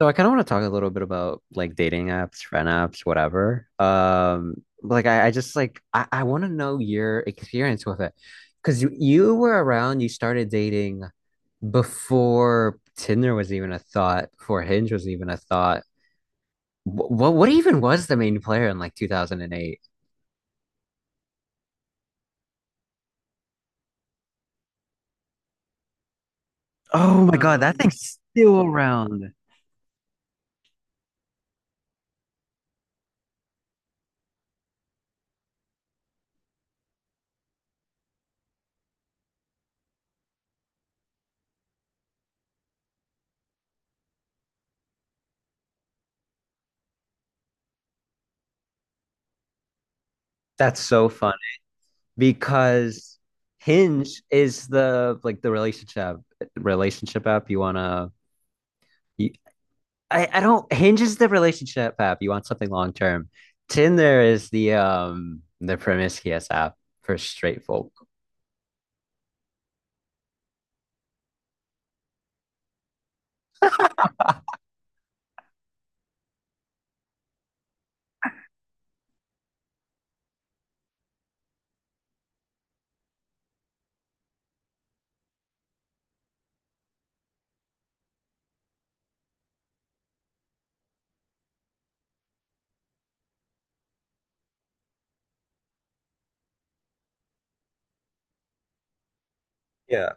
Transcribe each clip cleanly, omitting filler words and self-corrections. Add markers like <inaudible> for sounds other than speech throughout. So I kind of want to talk a little bit about like dating apps, friend apps, whatever. Like I just like I want to know your experience with it because you were around, you started dating before Tinder was even a thought, before Hinge was even a thought. What even was the main player in like 2008? Oh my God, that thing's still around. That's so funny because Hinge is the like the relationship relationship app you want to. I don't. Hinge is the relationship app. You want something long term. Tinder is the promiscuous app for straight folk. Yeah.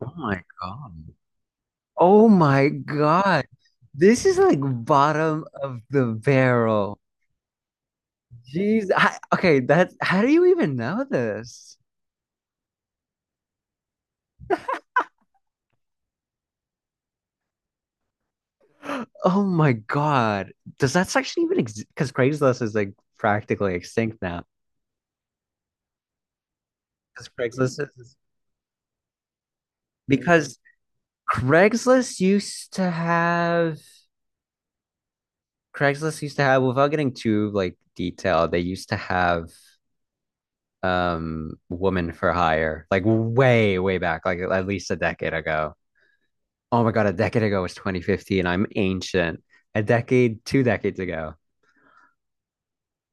Oh my God. Oh my God. This is like bottom of the barrel. Jeez. Okay, that, how do you even know this? Oh my God. Does that section even exist? Because Craigslist is like practically extinct now. Because Craigslist is because Craigslist used to have Craigslist used to have, without getting too like detailed, they used to have woman for hire, like way back, like at least a decade ago. Oh my God, a decade ago was 2015. I'm ancient. A decade, two decades ago.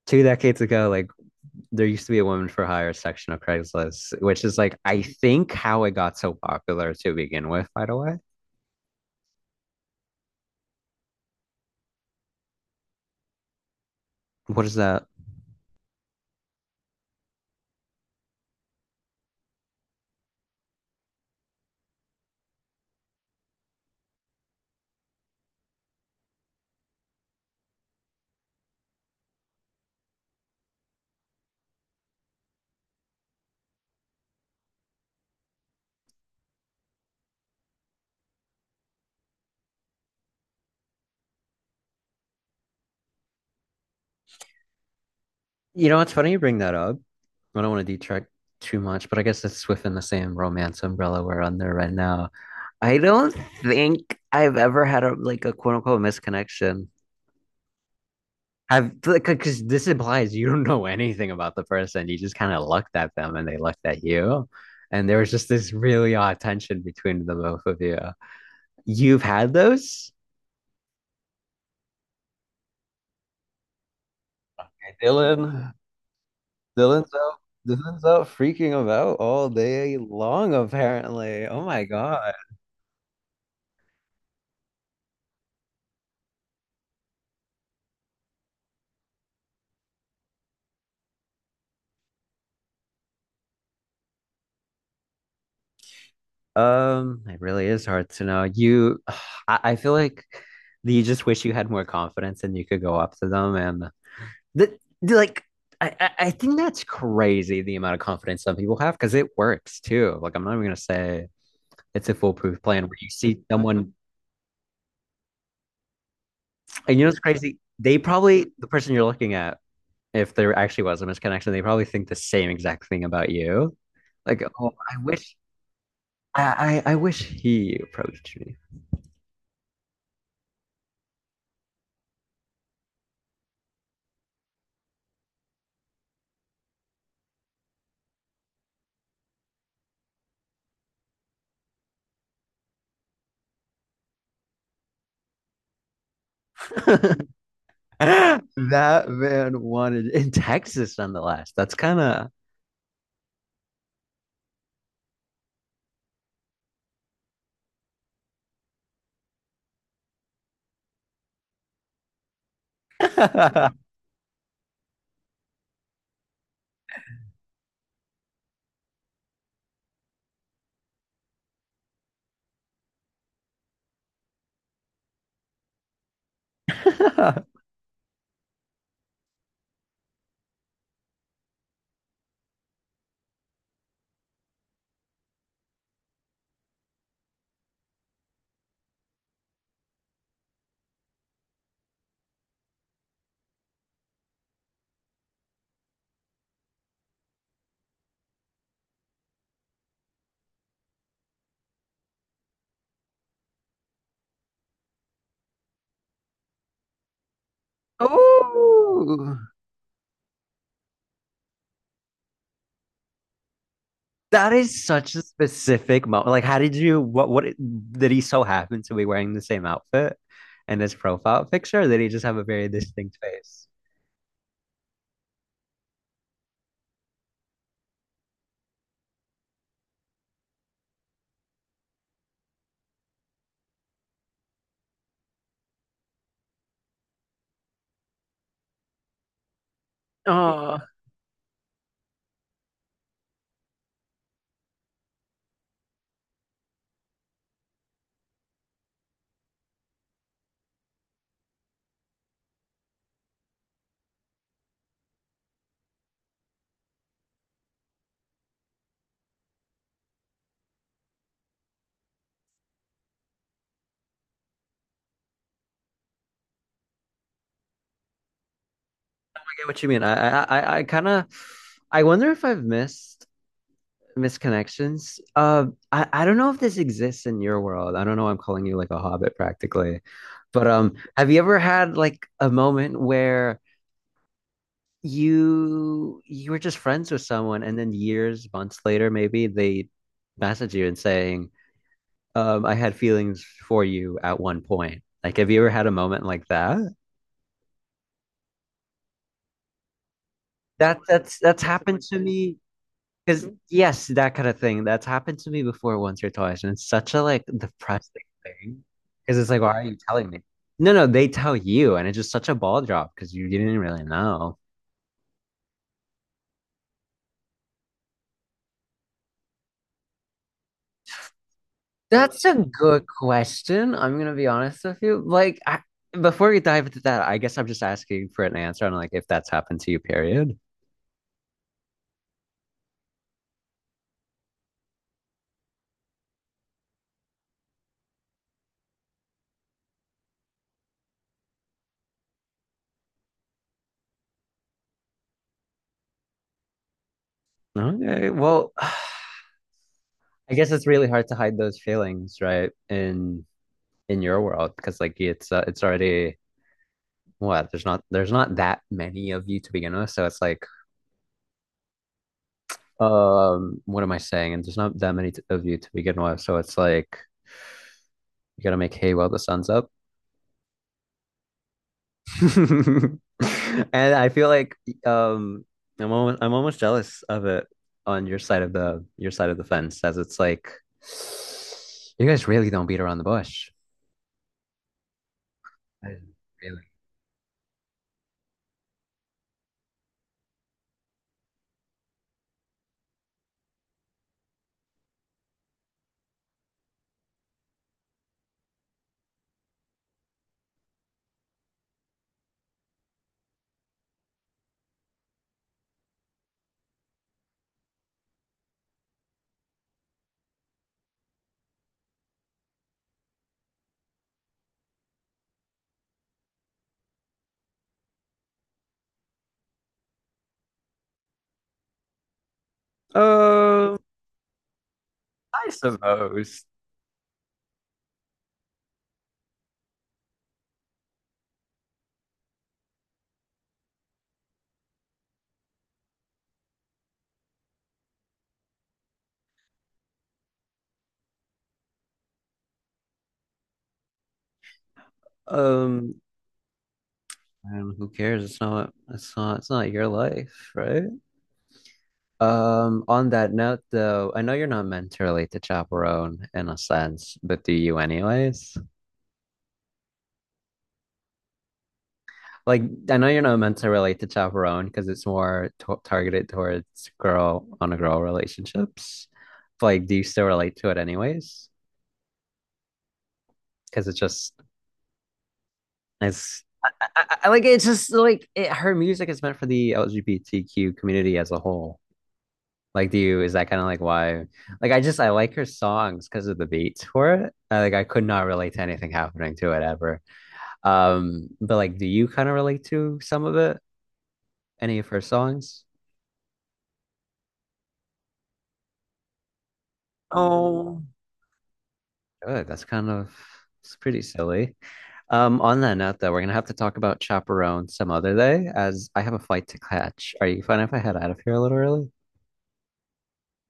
Two decades ago, like there used to be a woman for hire section of Craigslist, which is like I think how it got so popular to begin with, by the way. What is that? You know, it's funny you bring that up. I don't want to detract too much, but I guess it's within the same romance umbrella we're under right now. I don't think I've ever had a like a quote unquote misconnection. I've like because this implies you don't know anything about the person. You just kind of looked at them and they looked at you. And there was just this really odd tension between the both of you. You've had those? Dylan, Dylan's Dylan's out freaking about all day long, apparently. Oh my God. It really is hard to know. You, <sighs> I feel like you just wish you had more confidence and you could go up to them and like I think that's crazy the amount of confidence some people have because it works too. Like I'm not even gonna say it's a foolproof plan where you see someone and you know it's crazy. They probably, the person you're looking at, if there actually was a misconnection, they probably think the same exact thing about you. Like, oh, I wish I wish he approached me. <laughs> That man wanted in Texas nonetheless. That's kind of <laughs> oh, that is such a specific moment. Like, how did you, what did he so happen to be wearing the same outfit in his profile picture? Or did he just have a very distinct face? Oh, I get what you mean. I kind of, I wonder if I've missed misconnections. I don't know if this exists in your world. I don't know. I'm calling you like a hobbit practically, but have you ever had like a moment where you were just friends with someone, and then years, months later, maybe they message you and saying, I had feelings for you at one point. Like, have you ever had a moment like that? That's happened to me. Because yes, that kind of thing. That's happened to me before once or twice, and it's such a like depressing thing. Because it's like, why are you telling me? No, no, they tell you, and it's just such a ball drop because you didn't really know. That's a good question. I'm gonna be honest with you. Before we dive into that, I guess I'm just asking for an answer on like if that's happened to you, period. Okay. Well, <sighs> I guess it's really hard to hide those feelings, right? In your world, because like it's already what, there's not that many of you to begin with, so it's like what am I saying, and there's not that many of you to begin with, so it's like you gotta make hay while the sun's up. <laughs> And I feel like um I'm almost jealous of it on your side of the fence, as it's like you guys really don't beat around the bush. I- Really. um I suppose. um and who cares, it's not your life, right? On that note, though, I know you're not meant to relate to Chaperone in a sense, but do you anyways? Like, I know you're not meant to relate to Chaperone because it's more to targeted towards girl on a girl relationships. But, like, do you still relate to it anyways? Because it just it's like it's just like it, her music is meant for the LGBTQ community as a whole. Like, do you, is that kind of like why? Like, I like her songs because of the beats for it. Like, I could not relate to anything happening to it ever. But like, do you kind of relate to some of it? Any of her songs? Oh, good. That's kind of, it's pretty silly. On that note, though, we're gonna have to talk about Chaperone some other day as I have a flight to catch. Are you fine if I head out of here a little early?